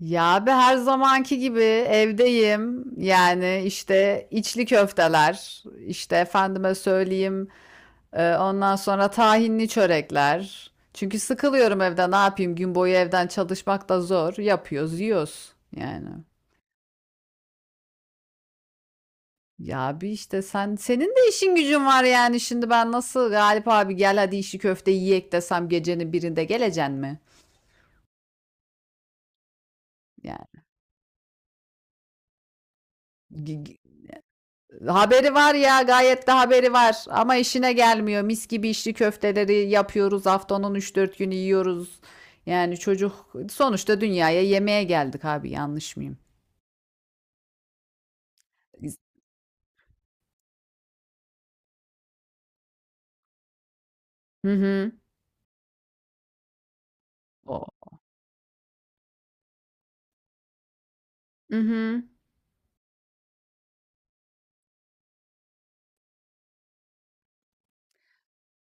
Ya abi her zamanki gibi evdeyim. Yani işte içli köfteler, işte efendime söyleyeyim, ondan sonra tahinli çörekler. Çünkü sıkılıyorum evde. Ne yapayım? Gün boyu evden çalışmak da zor. Yapıyoruz, yiyoruz yani. Ya abi işte senin de işin gücün var yani. Şimdi ben nasıl Galip abi gel hadi içli köfte yiyek desem gecenin birinde geleceksin mi? Yani haberi var ya, gayet de haberi var ama işine gelmiyor. Mis gibi içli köfteleri yapıyoruz, haftanın 3-4 günü yiyoruz. Yani çocuk sonuçta dünyaya yemeğe geldik abi, yanlış mıyım? Hı hı. O. Hı hı.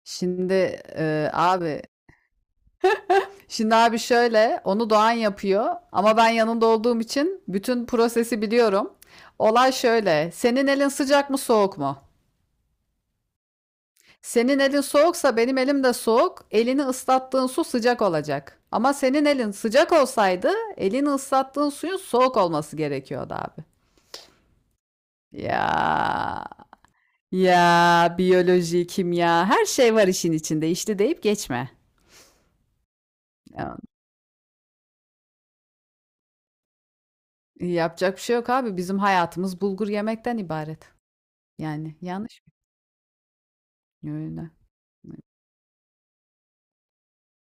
Şimdi e, abi abi şöyle, onu Doğan yapıyor ama ben yanında olduğum için bütün prosesi biliyorum. Olay şöyle. Senin elin sıcak mı soğuk mu? Senin elin soğuksa benim elim de soğuk. Elini ıslattığın su sıcak olacak. Ama senin elin sıcak olsaydı elini ıslattığın suyun soğuk olması gerekiyordu abi. Ya ya biyoloji, kimya her şey var işin içinde. İşte deyip geçme. Ya, yapacak bir şey yok abi. Bizim hayatımız bulgur yemekten ibaret. Yani yanlış mı? Öyle.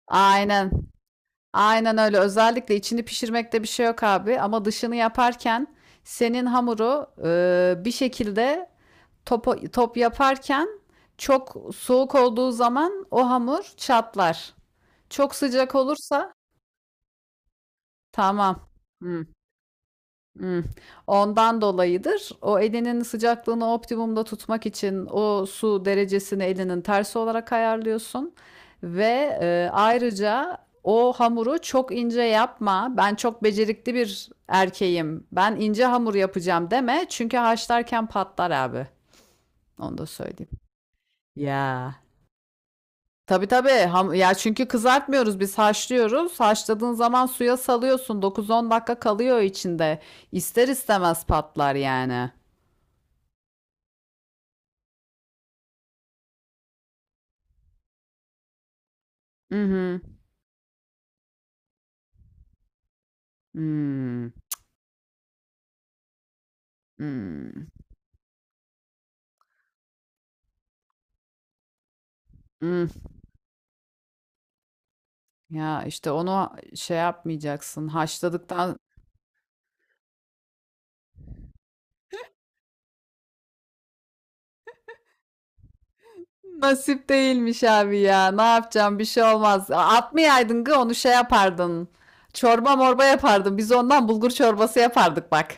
Aynen. Aynen öyle. Özellikle içini pişirmekte bir şey yok abi. Ama dışını yaparken senin hamuru bir şekilde top, top yaparken çok soğuk olduğu zaman o hamur çatlar. Çok sıcak olursa tamam. Hı. Hımm. Ondan dolayıdır. O elinin sıcaklığını optimumda tutmak için o su derecesini elinin tersi olarak ayarlıyorsun ayrıca o hamuru çok ince yapma. Ben çok becerikli bir erkeğim, ben ince hamur yapacağım deme çünkü haşlarken patlar abi. Onu da söyleyeyim. Ya. Tabii tabii. Ham ya çünkü kızartmıyoruz, biz haşlıyoruz. Haşladığın zaman suya salıyorsun, 9-10 dakika kalıyor içinde. İster istemez patlar yani. Hı hı. Hımm. Hımm. Ya, işte, onu şey yapmayacaksın, haşladıktan. Nasip değilmiş abi ya. Ne yapacağım? Bir şey olmaz. Atmayaydın gı, onu şey yapardın. Çorba morba yapardın. Biz ondan bulgur çorbası yapardık bak.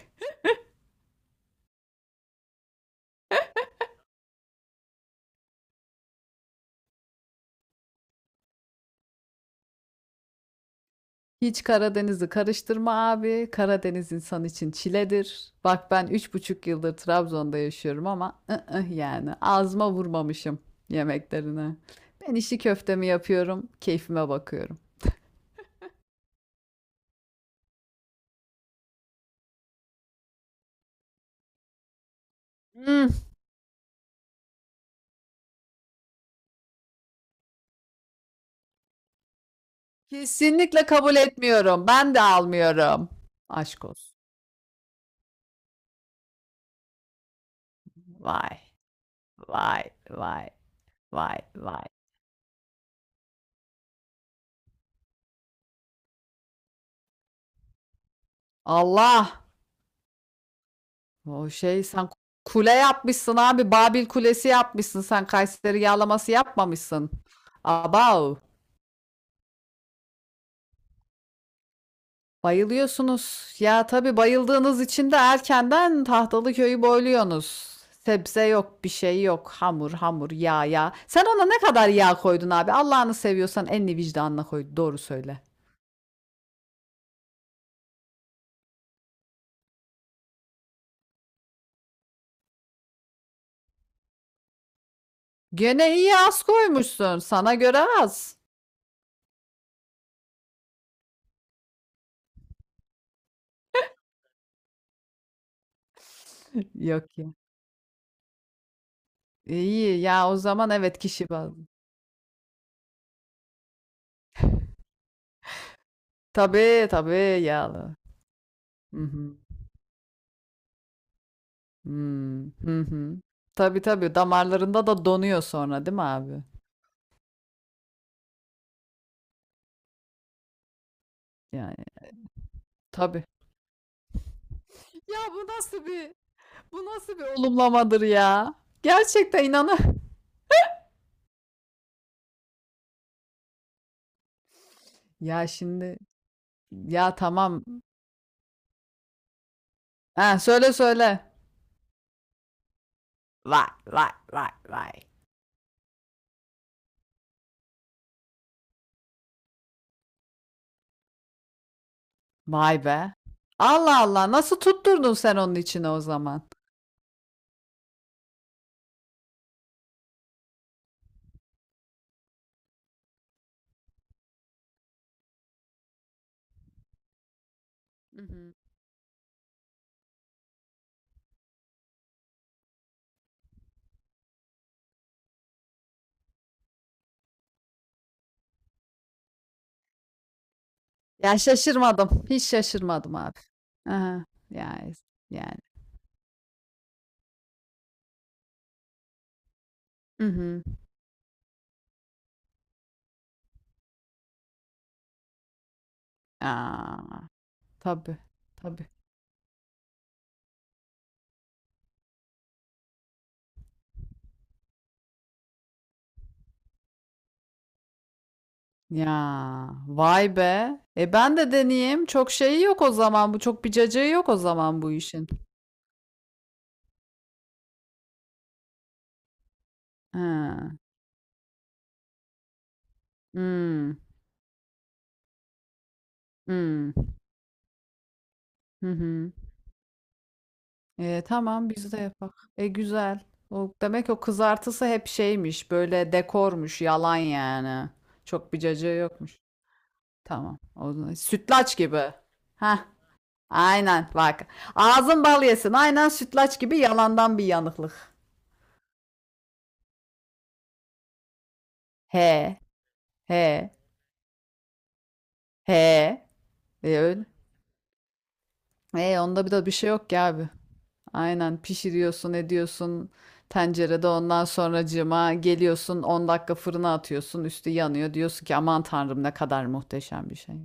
Hiç Karadeniz'i karıştırma abi. Karadeniz insan için çiledir. Bak ben 3,5 yıldır Trabzon'da yaşıyorum ama ı-ıh, yani ağzıma vurmamışım yemeklerine. Ben içli köftemi yapıyorum, keyfime bakıyorum. Hmm, kesinlikle kabul etmiyorum. Ben de almıyorum. Aşk olsun. Vay, vay, vay, vay, vay. Allah! O şey sen kule yapmışsın abi. Babil Kulesi yapmışsın. Sen Kayseri yağlaması yapmamışsın. Abav. Bayılıyorsunuz. Ya tabii, bayıldığınız için de erkenden tahtalı köyü boyluyorsunuz. Sebze yok, bir şey yok. Hamur, hamur, yağ, yağ. Sen ona ne kadar yağ koydun abi? Allah'ını seviyorsan elini vicdanına koy. Doğru söyle. Gene iyi az koymuşsun. Sana göre az. Yok ya. İyi ya o zaman, evet, kişi bazlı. Tabii tabii yağlı. Hı hı. Hmm, hı hı. Tabii tabii damarlarında da donuyor sonra, değil mi abi? Yani tabii. Ya bu nasıl bir Bu nasıl bir olumlamadır ya? Gerçekten inanı. Ya şimdi Ya tamam. Ha, söyle söyle. Vay vay vay vay. Vay be. Allah Allah, nasıl tutturdun sen onun içine o zaman? Hı hı. Ya, şaşırmadım. Hiç şaşırmadım abi. Hı hı. Yani yani. Hı hı. A! Tabii, tabii. Ya, vay be! E, ben de deneyeyim. Çok şeyi yok o zaman bu, çok bir cacığı yok o zaman bu işin. Hıı. Hımm. Hımm. Hı hı. E, tamam biz de yapak. E, güzel. O demek o kızartısı hep şeymiş, böyle dekormuş, yalan yani. Çok bir cacığı yokmuş. Tamam. O zaman sütlaç gibi. Heh. Aynen bak. Ağzın bal yesin. Aynen sütlaç gibi yalandan bir yanıklık. He. He. He. E öyle. E onda bir de bir şey yok ki abi. Aynen pişiriyorsun, ediyorsun tencerede, ondan sonracığıma geliyorsun, 10 dakika fırına atıyorsun, üstü yanıyor, diyorsun ki aman tanrım ne kadar muhteşem bir şey.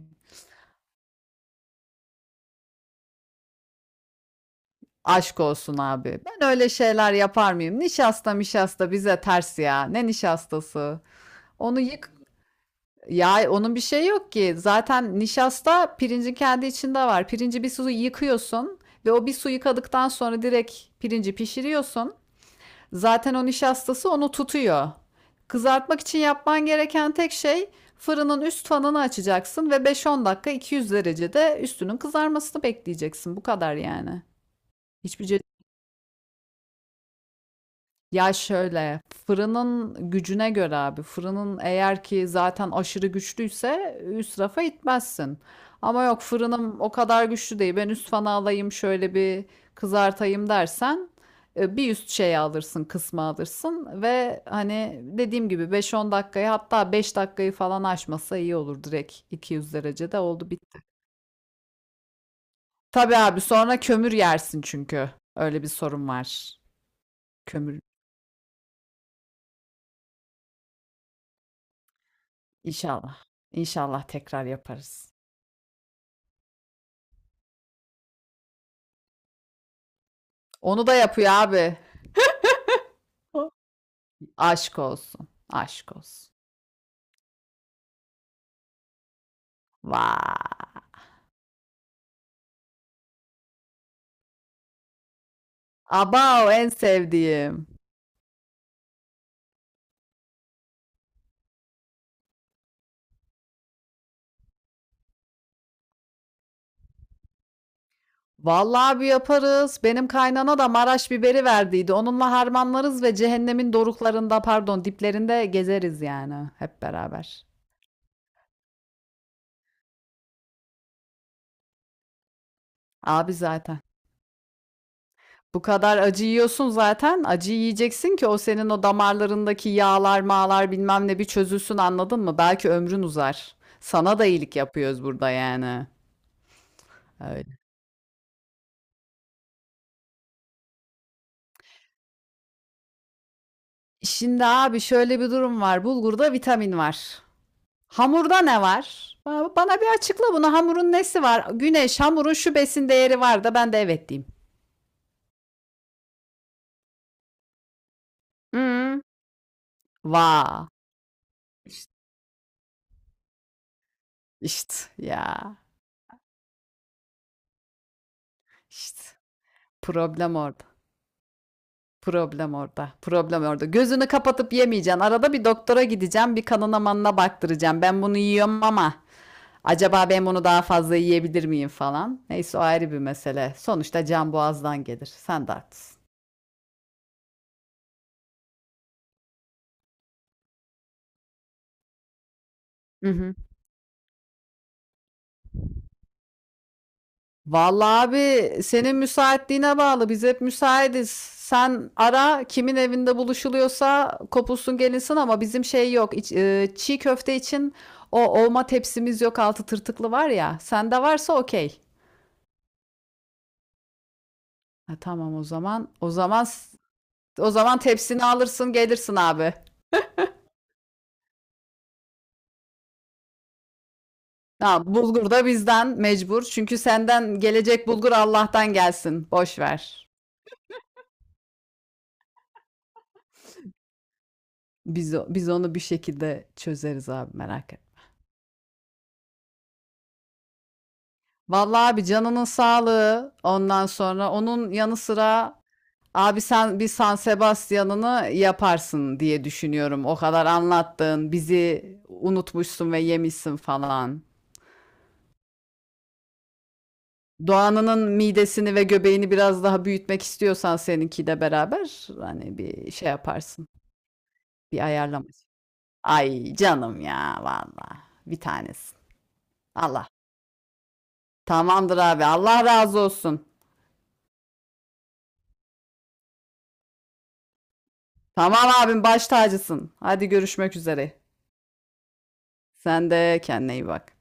Aşk olsun abi. Ben öyle şeyler yapar mıyım? Nişasta mişasta bize ters ya. Ne nişastası? Onu yık Ya onun bir şey yok ki. Zaten nişasta pirincin kendi içinde var. Pirinci bir su yıkıyorsun ve o bir su yıkadıktan sonra direkt pirinci pişiriyorsun. Zaten o nişastası onu tutuyor. Kızartmak için yapman gereken tek şey fırının üst fanını açacaksın ve 5-10 dakika 200 derecede üstünün kızarmasını bekleyeceksin. Bu kadar yani. Hiçbir Ya şöyle, fırının gücüne göre abi, fırının eğer ki zaten aşırı güçlüyse üst rafa itmezsin. Ama yok, fırınım o kadar güçlü değil, ben üst fanı alayım şöyle bir kızartayım dersen bir üst şeyi alırsın, kısmı alırsın ve hani dediğim gibi 5-10 dakikayı hatta 5 dakikayı falan aşmasa iyi olur, direkt 200 derecede oldu bitti. Tabii abi sonra kömür yersin çünkü öyle bir sorun var. kömür inşallah inşallah tekrar yaparız. Onu da yapıyor abi. Aşk olsun. Aşk olsun. Vay. Abav, en sevdiğim. Vallahi bir yaparız. Benim kaynana da Maraş biberi verdiydi. Onunla harmanlarız ve cehennemin doruklarında, pardon, diplerinde gezeriz yani hep beraber. Abi zaten. Bu kadar acı yiyorsun zaten. Acı yiyeceksin ki o senin o damarlarındaki yağlar mağlar bilmem ne bir çözülsün, anladın mı? Belki ömrün uzar. Sana da iyilik yapıyoruz burada yani. Öyle. Şimdi abi şöyle bir durum var. Bulgurda vitamin var. Hamurda ne var? Ba- bana bir açıkla bunu. Hamurun nesi var? Güneş, hamurun şu besin değeri var da ben de evet diyeyim. Hı. Va. İşte, işte ya. İşte problem orada. Problem orada. Problem orada. Gözünü kapatıp yemeyeceksin. Arada bir doktora gideceğim. Bir kanına manına baktıracağım. Ben bunu yiyorum ama acaba ben bunu daha fazla yiyebilir miyim falan. Neyse o ayrı bir mesele. Sonuçta can boğazdan gelir. Sen de haklısın. Hı hı. Vallahi abi senin müsaitliğine bağlı. Biz hep müsaitiz. Sen ara, kimin evinde buluşuluyorsa kopulsun gelinsin ama bizim şey yok. Çiğ köfte için o olma tepsimiz yok, altı tırtıklı var ya. Sende varsa okey. Ha, tamam o zaman. O zaman tepsini alırsın gelirsin abi. Ha, bulgur da bizden mecbur. Çünkü senden gelecek bulgur Allah'tan gelsin. Boş ver. Biz onu bir şekilde çözeriz abi, merak etme. Vallahi abi, canının sağlığı, ondan sonra onun yanı sıra abi sen bir San Sebastian'ını yaparsın diye düşünüyorum. O kadar anlattın, bizi unutmuşsun ve yemişsin falan. Doğan'ının midesini ve göbeğini biraz daha büyütmek istiyorsan seninki de beraber hani bir şey yaparsın. Bir ayarlama. Ay canım ya, vallahi bir tanesi. Allah. Tamamdır abi. Allah razı olsun. Tamam abim, baş tacısın. Hadi görüşmek üzere. Sen de kendine iyi bak.